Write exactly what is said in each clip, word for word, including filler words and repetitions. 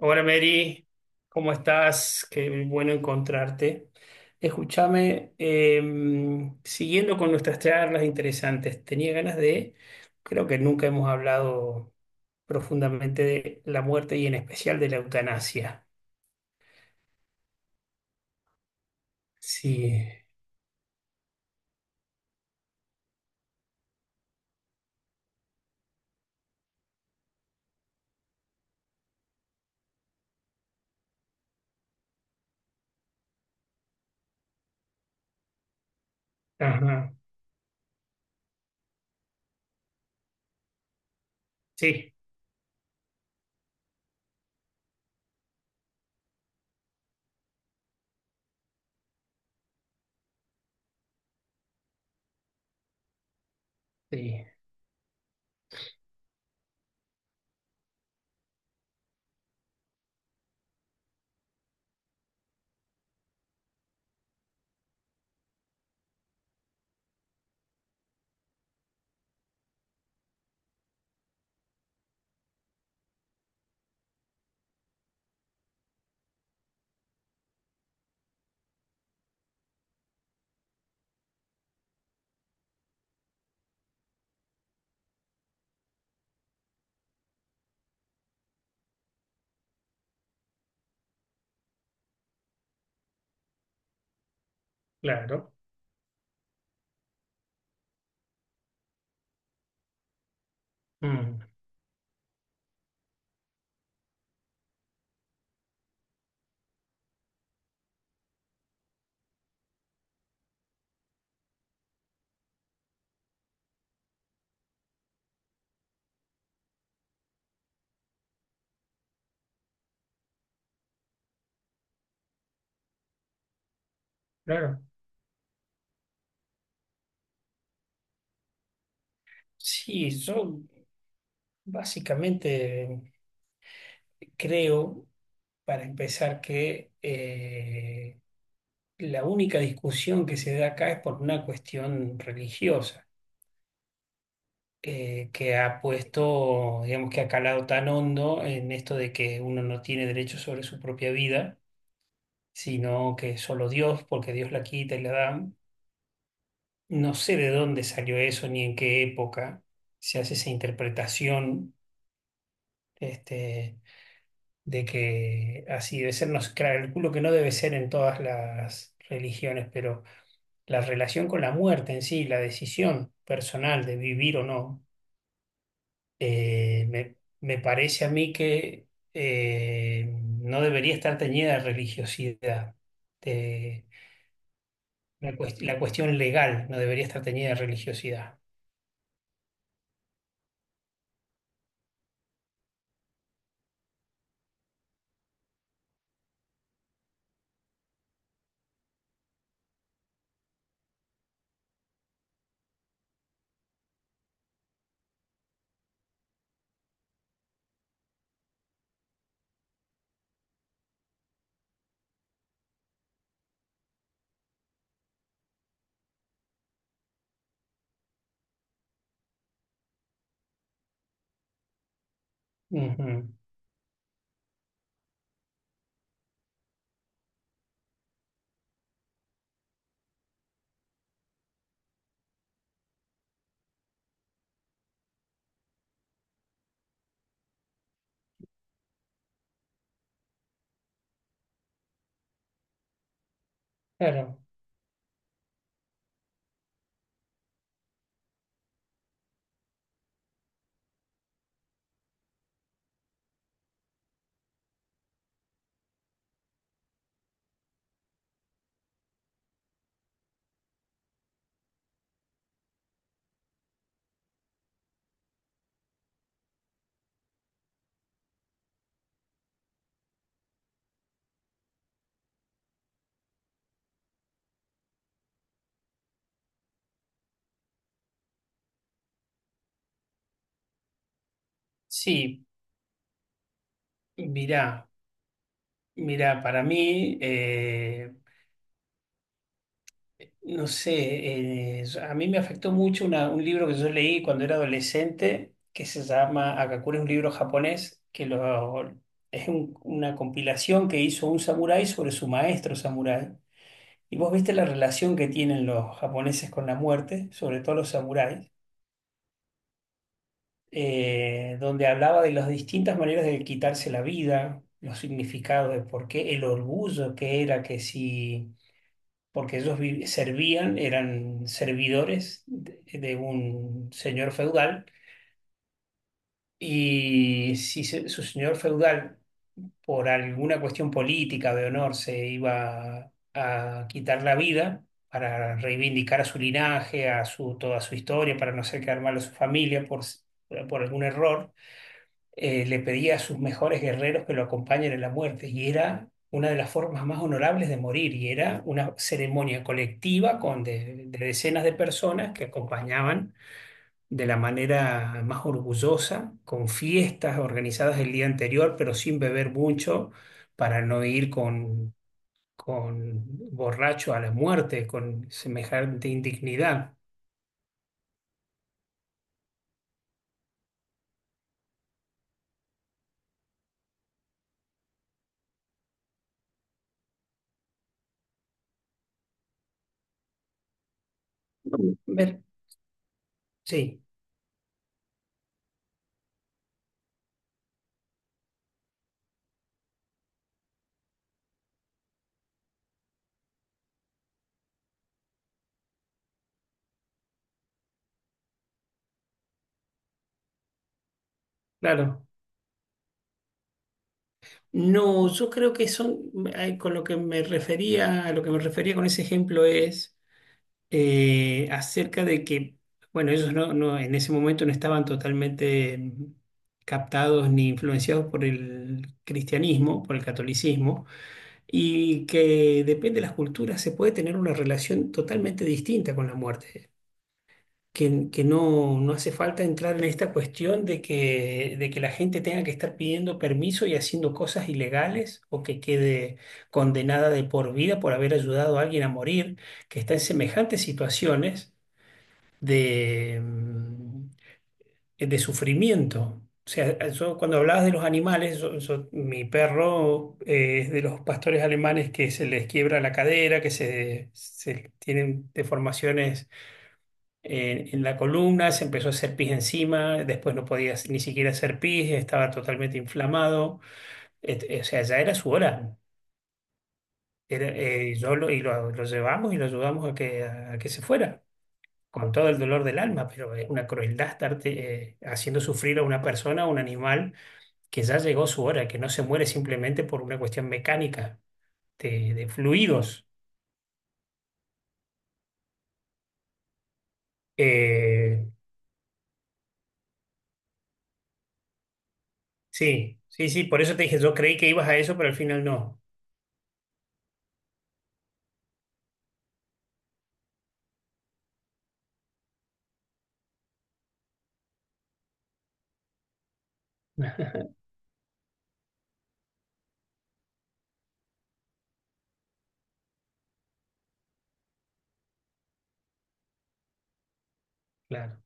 Hola Mary, ¿cómo estás? Qué bueno encontrarte. Escúchame, eh, siguiendo con nuestras charlas interesantes, tenía ganas de, creo que nunca hemos hablado profundamente de la muerte y en especial de la eutanasia. Sí, ajá, sí, sí, claro, mm, claro. Sí, yo básicamente creo, para empezar, que... eh, La única discusión que se da acá es por una cuestión religiosa, eh, que ha puesto, digamos que ha calado tan hondo en esto de que uno no tiene derecho sobre su propia vida, sino que solo Dios, porque Dios la quita y la da. No sé de dónde salió eso ni en qué época se hace esa interpretación, este, de que así debe ser. No, sé, calculo que no debe ser en todas las religiones, pero la relación con la muerte en sí, la decisión personal de vivir o no, eh, me, me parece a mí que eh, no debería estar teñida de religiosidad. de- la, cuest- la cuestión legal no debería estar teñida de religiosidad. Ujú, claro, sí, mirá, mirá, para mí... eh, No sé, eh, a mí me afectó mucho una- un libro que yo leí cuando era adolescente, que se llama Akakure, es un libro japonés, que lo, es un- una compilación que hizo un samurái sobre su maestro samurái. Y vos viste la relación que tienen los japoneses con la muerte, sobre todo los samuráis, eh, donde hablaba de las distintas maneras de quitarse la vida, los significados de por qué, el orgullo que era que si porque ellos vi- servían, eran servidores de, de un señor feudal, y si se- su señor feudal, por alguna cuestión política de honor, se iba a quitar la vida para reivindicar a su linaje, a su, toda su historia, para no hacer quedar mal a su familia por, s- por algún error eh, le pedía a sus mejores guerreros que lo acompañen en la muerte, y era una de las formas más honorables de morir, y era una ceremonia colectiva con de, de decenas de personas que acompañaban de la manera más orgullosa, con fiestas organizadas el día anterior, pero sin beber mucho para no ir con, con borracho a la muerte, con semejante indignidad. Ver, sí, claro. No, yo creo que son, eh, con lo que me refería, a lo que me refería con ese ejemplo es eh, acerca de que, bueno, ellos no, no, en ese momento no estaban totalmente mm, captados ni influenciados por el cristianismo, por el catolicismo, y que depende de las culturas se puede tener una relación totalmente distinta con la muerte que, que no, no hace falta entrar en esta cuestión de que, de que la gente tenga que estar pidiendo permiso y haciendo cosas ilegales o que quede condenada de por vida por haber ayudado a alguien a morir, que está en semejantes situaciones de, mm, de sufrimiento. O sea, yo cuando hablabas de los animales, yo- yo- mi perro eh, es de los pastores alemanes que se les quiebra la cadera, que se, se tienen deformaciones eh, en la columna, se empezó a hacer pis encima, después no podía ni siquiera hacer pis, estaba totalmente inflamado. Et- eh, o sea, ya era su hora. Era, eh, yo lo, y lo, lo llevamos y lo ayudamos a que, a que se fuera, con todo el dolor del alma, pero es una crueldad estarte eh, haciendo sufrir a una persona, a un animal, que ya llegó su hora, que no se muere simplemente por una cuestión mecánica de, de fluidos. Eh, sí, sí, sí, por eso te dije, yo creí que ibas a eso, pero al final no. Claro.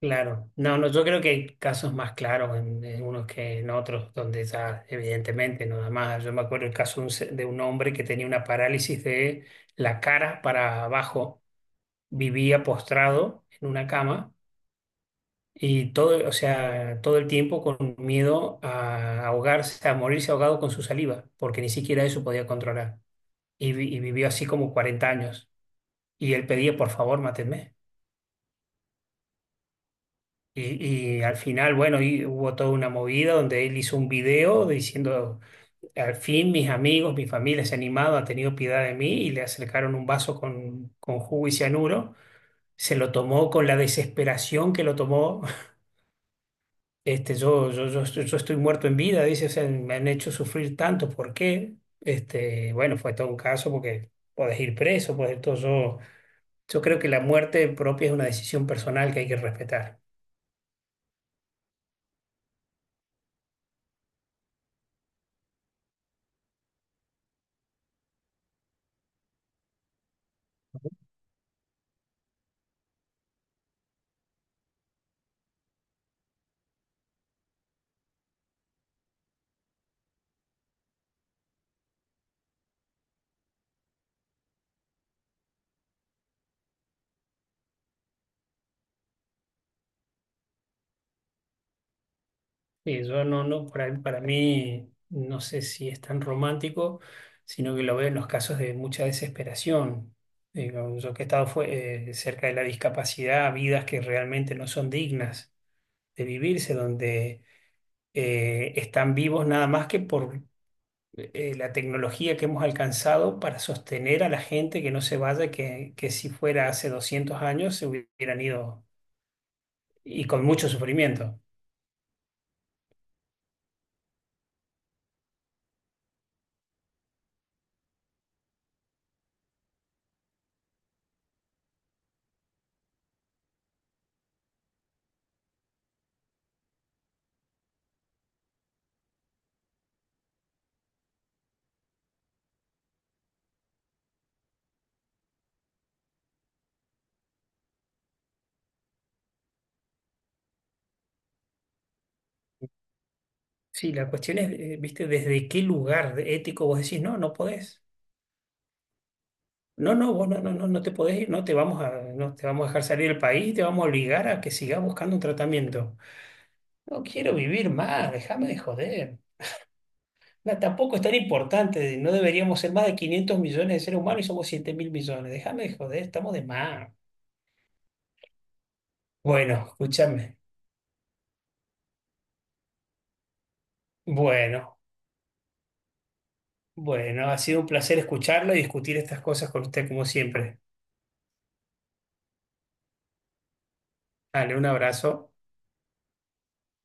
Claro, no, no, yo creo que hay casos más claros en, en unos que en otros, donde ya evidentemente no da más. Yo me acuerdo el caso de un, se- de un hombre que tenía una parálisis de la cara para abajo, vivía postrado en una cama y todo, o sea, todo el tiempo con miedo a ahogarse, a morirse ahogado con su saliva, porque ni siquiera eso podía controlar. Y, vi- y vivió así como cuarenta años. Y él pedía, por favor, mátenme. Y, y al final, bueno, y hubo toda una movida donde él hizo un video diciendo, al fin mis amigos, mi familia se ha animado, ha tenido piedad de mí y le acercaron un vaso con, con jugo y cianuro. Se lo tomó con la desesperación que lo tomó. Este, yo, yo, yo, estoy yo estoy muerto en vida, dice, o sea, me han hecho sufrir tanto, ¿por qué? Este, bueno, fue todo un caso porque podés ir preso, podés todo. Yo, yo creo que la muerte propia es una decisión personal que hay que respetar. Sí, yo no, no, para, para mí no sé si es tan romántico, sino que lo veo en los casos de mucha desesperación. Digo, yo que he estado fue- eh, cerca de la discapacidad, vidas que realmente no son dignas de vivirse, donde eh, están vivos nada más que por eh, la tecnología que hemos alcanzado para sostener a la gente que no se vaya, que, que si fuera hace doscientos años se hubieran ido y con mucho sufrimiento. Sí, la cuestión es, eh, viste, desde qué lugar de- ético vos decís, no, no podés. No, no, vos no, no, no, no te podés ir, no te vamos a, no te vamos a dejar salir del país, te vamos a obligar a que sigas buscando un tratamiento. No quiero vivir más, déjame de joder. No, tampoco es tan importante, no deberíamos ser más de quinientos millones de seres humanos y somos siete mil millones. Déjame de joder, estamos de más. Bueno, escúchame. Bueno, bueno, ha sido un placer escucharlo y discutir estas cosas con usted como siempre. Dale, un abrazo.